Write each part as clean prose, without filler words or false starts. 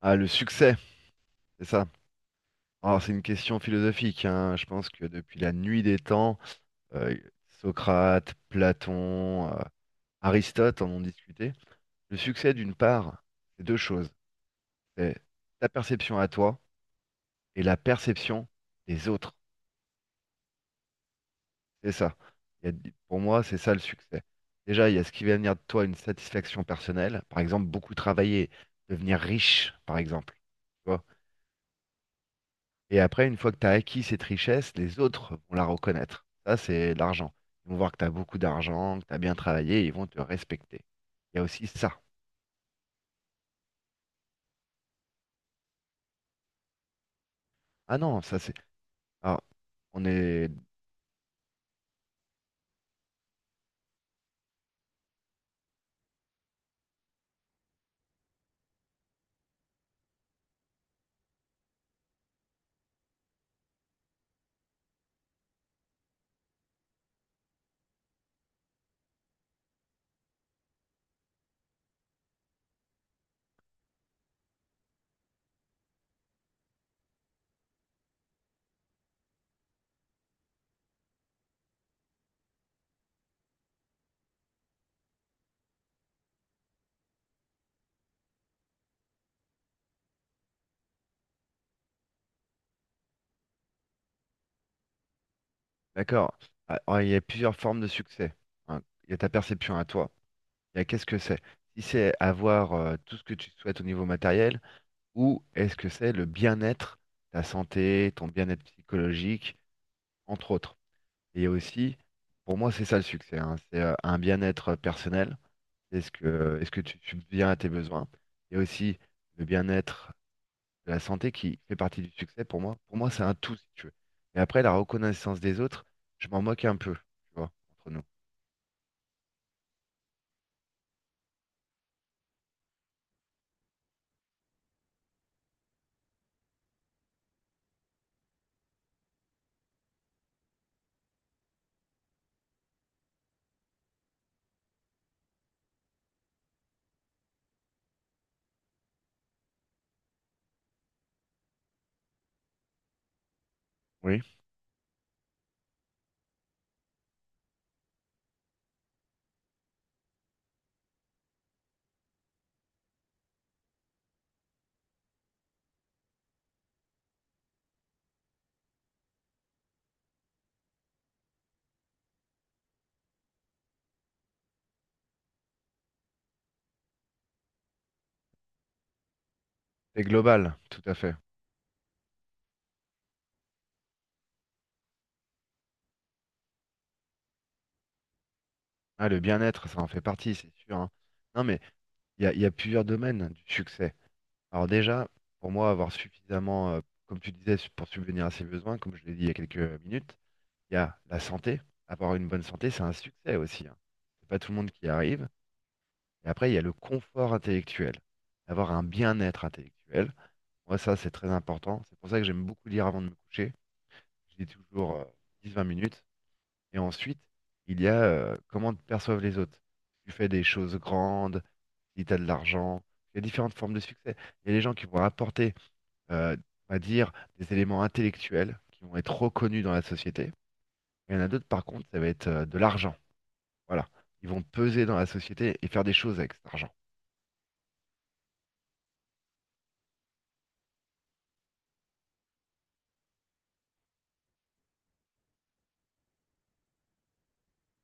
Ah, le succès, c'est ça. Alors, c'est une question philosophique, hein. Je pense que depuis la nuit des temps, euh, Socrate, Platon, Aristote en ont discuté. Le succès, d'une part, c'est deux choses. C'est ta perception à toi et la perception des autres. C'est ça. Pour moi, c'est ça le succès. Déjà, il y a ce qui va venir de toi, une satisfaction personnelle. Par exemple, beaucoup travailler, devenir riche, par exemple. Tu vois. Et après, une fois que tu as acquis cette richesse, les autres vont la reconnaître. Ça, c'est l'argent. Ils vont voir que tu as beaucoup d'argent, que tu as bien travaillé, et ils vont te respecter. Il y a aussi ça. Ah non, ça c'est. Alors, on est d'accord. Ah, ah, il y a plusieurs formes de succès, hein. Il y a ta perception à toi. Il y a qu'est-ce que c'est? Si c'est avoir tout ce que tu souhaites au niveau matériel, ou est-ce que c'est le bien-être, ta santé, ton bien-être psychologique, entre autres. Et il y a aussi, pour moi, c'est ça le succès, hein. C'est un bien-être personnel. Est-ce que tu subviens à tes besoins? Il y a aussi le bien-être, de la santé qui fait partie du succès pour moi. Pour moi, c'est un tout, si tu veux. Mais après, la reconnaissance des autres, je m'en moque un peu, tu vois, entre nous. Oui, c'est global, tout à fait. Ah, le bien-être, ça en fait partie, c'est sûr, hein. Non, mais il y a plusieurs domaines du succès. Alors déjà, pour moi, avoir suffisamment, comme tu disais, pour subvenir à ses besoins, comme je l'ai dit il y a quelques minutes, il y a la santé. Avoir une bonne santé, c'est un succès aussi, hein. C'est pas tout le monde qui y arrive. Et après, il y a le confort intellectuel, avoir un bien-être intellectuel. Moi, ça, c'est très important. C'est pour ça que j'aime beaucoup lire avant de me coucher. Je lis toujours 10 20 minutes. Et ensuite, il y a comment te perçoivent les autres. Tu fais des choses grandes, si tu as de l'argent. Il y a différentes formes de succès. Il y a les gens qui vont apporter, euh, on va dire, des éléments intellectuels qui vont être reconnus dans la société. Il y en a d'autres, par contre, ça va être de l'argent. Voilà. Ils vont peser dans la société et faire des choses avec cet argent.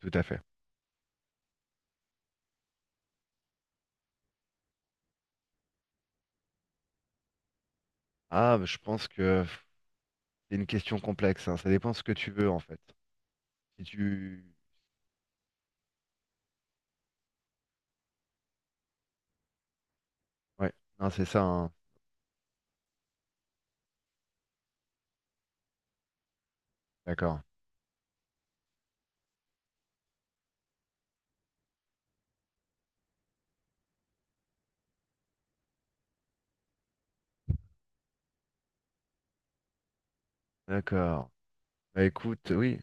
Tout à fait. Ah, je pense que c'est une question complexe, hein. Ça dépend ce que tu veux en fait. Si tu. Ouais, non, c'est ça, hein. D'accord. D'accord. Bah écoute, oui.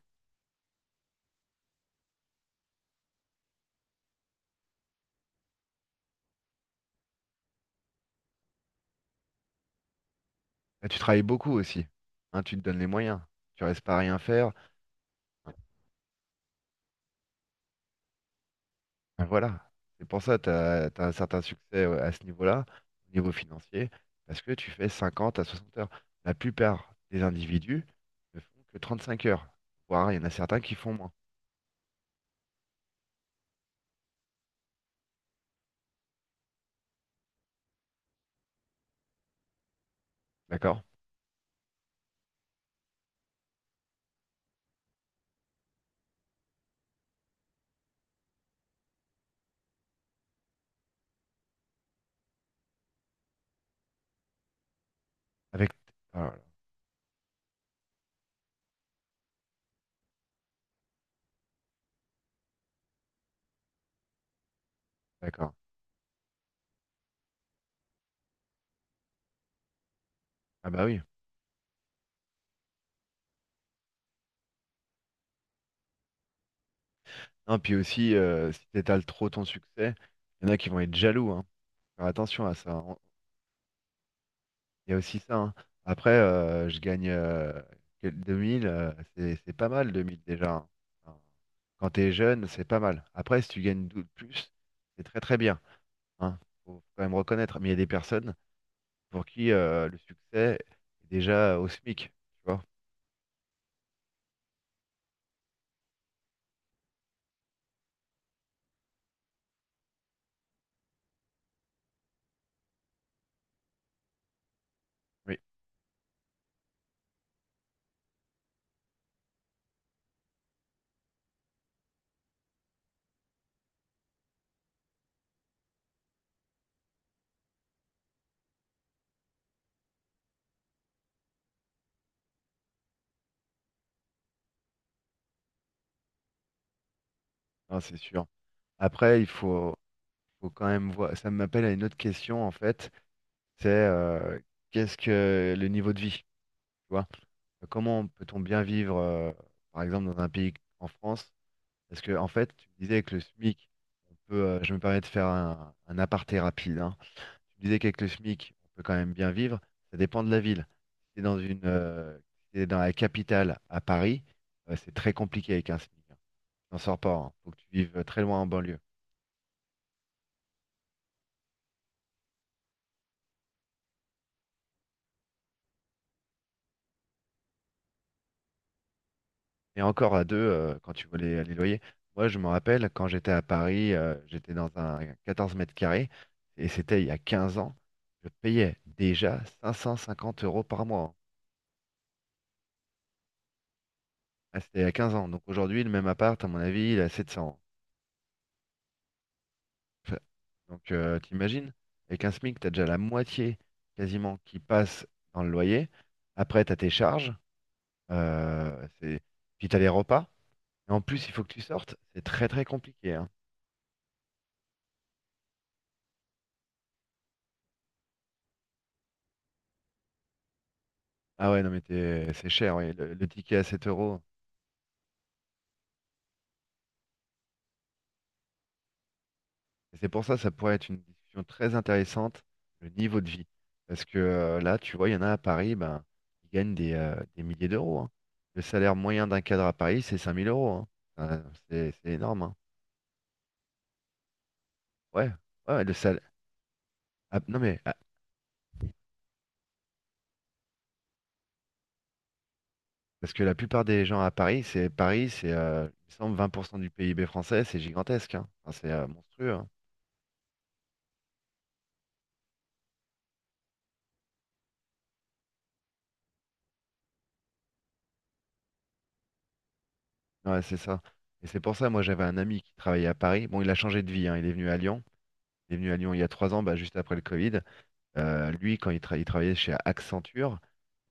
Bah, tu travailles beaucoup aussi. Hein, tu te donnes les moyens. Tu restes pas à rien faire. Ben voilà. C'est pour ça que tu as un certain succès, ouais, à ce niveau-là, au niveau financier, parce que tu fais 50 à 60 heures. La plupart des individus ne font que 35 heures, voire il y en a certains qui font moins. D'accord? Avec. Ah, d'accord. Ah bah oui. Non, puis aussi, si t'étales trop ton succès, il y en a qui vont être jaloux, hein. Faire attention à ça, hein. Il y a aussi ça, hein. Après, je gagne 2000, c'est pas mal 2000 déjà, hein. Enfin, quand t'es jeune, c'est pas mal. Après, si tu gagnes plus, c'est très très bien, hein. Faut quand même reconnaître. Mais il y a des personnes pour qui le succès est déjà au SMIC, tu vois. Oui, non, c'est sûr. Après, faut quand même voir. Ça m'appelle à une autre question, en fait. C'est qu'est-ce que le niveau de vie, tu vois? Comment peut-on bien vivre, par exemple, dans un pays en France? Parce que, en fait, tu me disais que le SMIC, on peut, je me permets de faire un aparté rapide, hein. Tu me disais qu'avec le SMIC, on peut quand même bien vivre. Ça dépend de la ville. Si si t'es dans la capitale, à Paris, c'est très compliqué avec un SMIC, hein. Tu n'en sors pas, hein. Faut que tu vives très loin en banlieue. Et encore à deux, quand tu vois les loyers. Moi, je me rappelle, quand j'étais à Paris, j'étais dans un 14 mètres carrés, et c'était il y a 15 ans, je payais déjà 550 euros par mois, hein. Ah, c'était il y a 15 ans. Donc aujourd'hui, le même appart, à mon avis, il est à 700. Enfin, donc t'imagines, avec un SMIC, t'as déjà la moitié quasiment qui passe dans le loyer. Après, t'as tes charges, c'est. Puis t'as les repas. Et en plus, il faut que tu sortes. C'est très très compliqué, hein. Ah ouais, non mais t'es- c'est cher, ouais. Le ticket à 7 euros. Et c'est pour ça, ça pourrait être une discussion très intéressante, le niveau de vie. Parce que là, tu vois, il y en a à Paris, ben, ils gagnent des milliers d'euros, hein. Le salaire moyen d'un cadre à Paris, c'est 5 000 euros, hein. Euh, c'est énorme, hein. Ouais, ouais, ouais, le salaire. Non mais, ah, parce que la plupart des gens à Paris, c'est, il me semble, 20% du PIB français, c'est gigantesque, hein. Enfin, c'est monstrueux, hein. Ouais, c'est ça. Et c'est pour ça, moi, j'avais un ami qui travaillait à Paris. Bon, il a changé de vie, hein, il est venu à Lyon. Il est venu à Lyon il y a 3 ans, bah, juste après le Covid. Lui, il travaillait chez Accenture,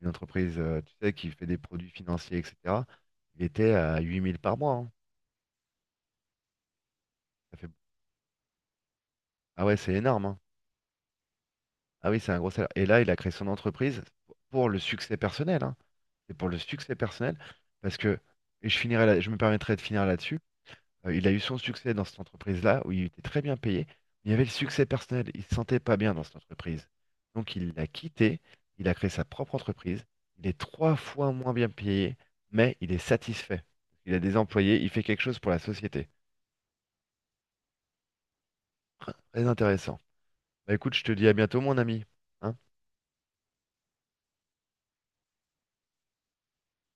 une entreprise, tu sais, qui fait des produits financiers, etc., il était à 8000 par mois, hein. Ça fait. Ah ouais, c'est énorme, hein. Ah oui, c'est un gros salaire. Et là, il a créé son entreprise pour le succès personnel, hein. C'est pour le succès personnel. Parce que, et je me permettrai de finir là-dessus. Il a eu son succès dans cette entreprise-là, où il était très bien payé, mais il y avait le succès personnel, il se sentait pas bien dans cette entreprise. Donc il l'a quitté, il a créé sa propre entreprise, il est trois fois moins bien payé, mais il est satisfait. Il a des employés, il fait quelque chose pour la société. Très intéressant. Bah écoute, je te dis à bientôt mon ami, hein.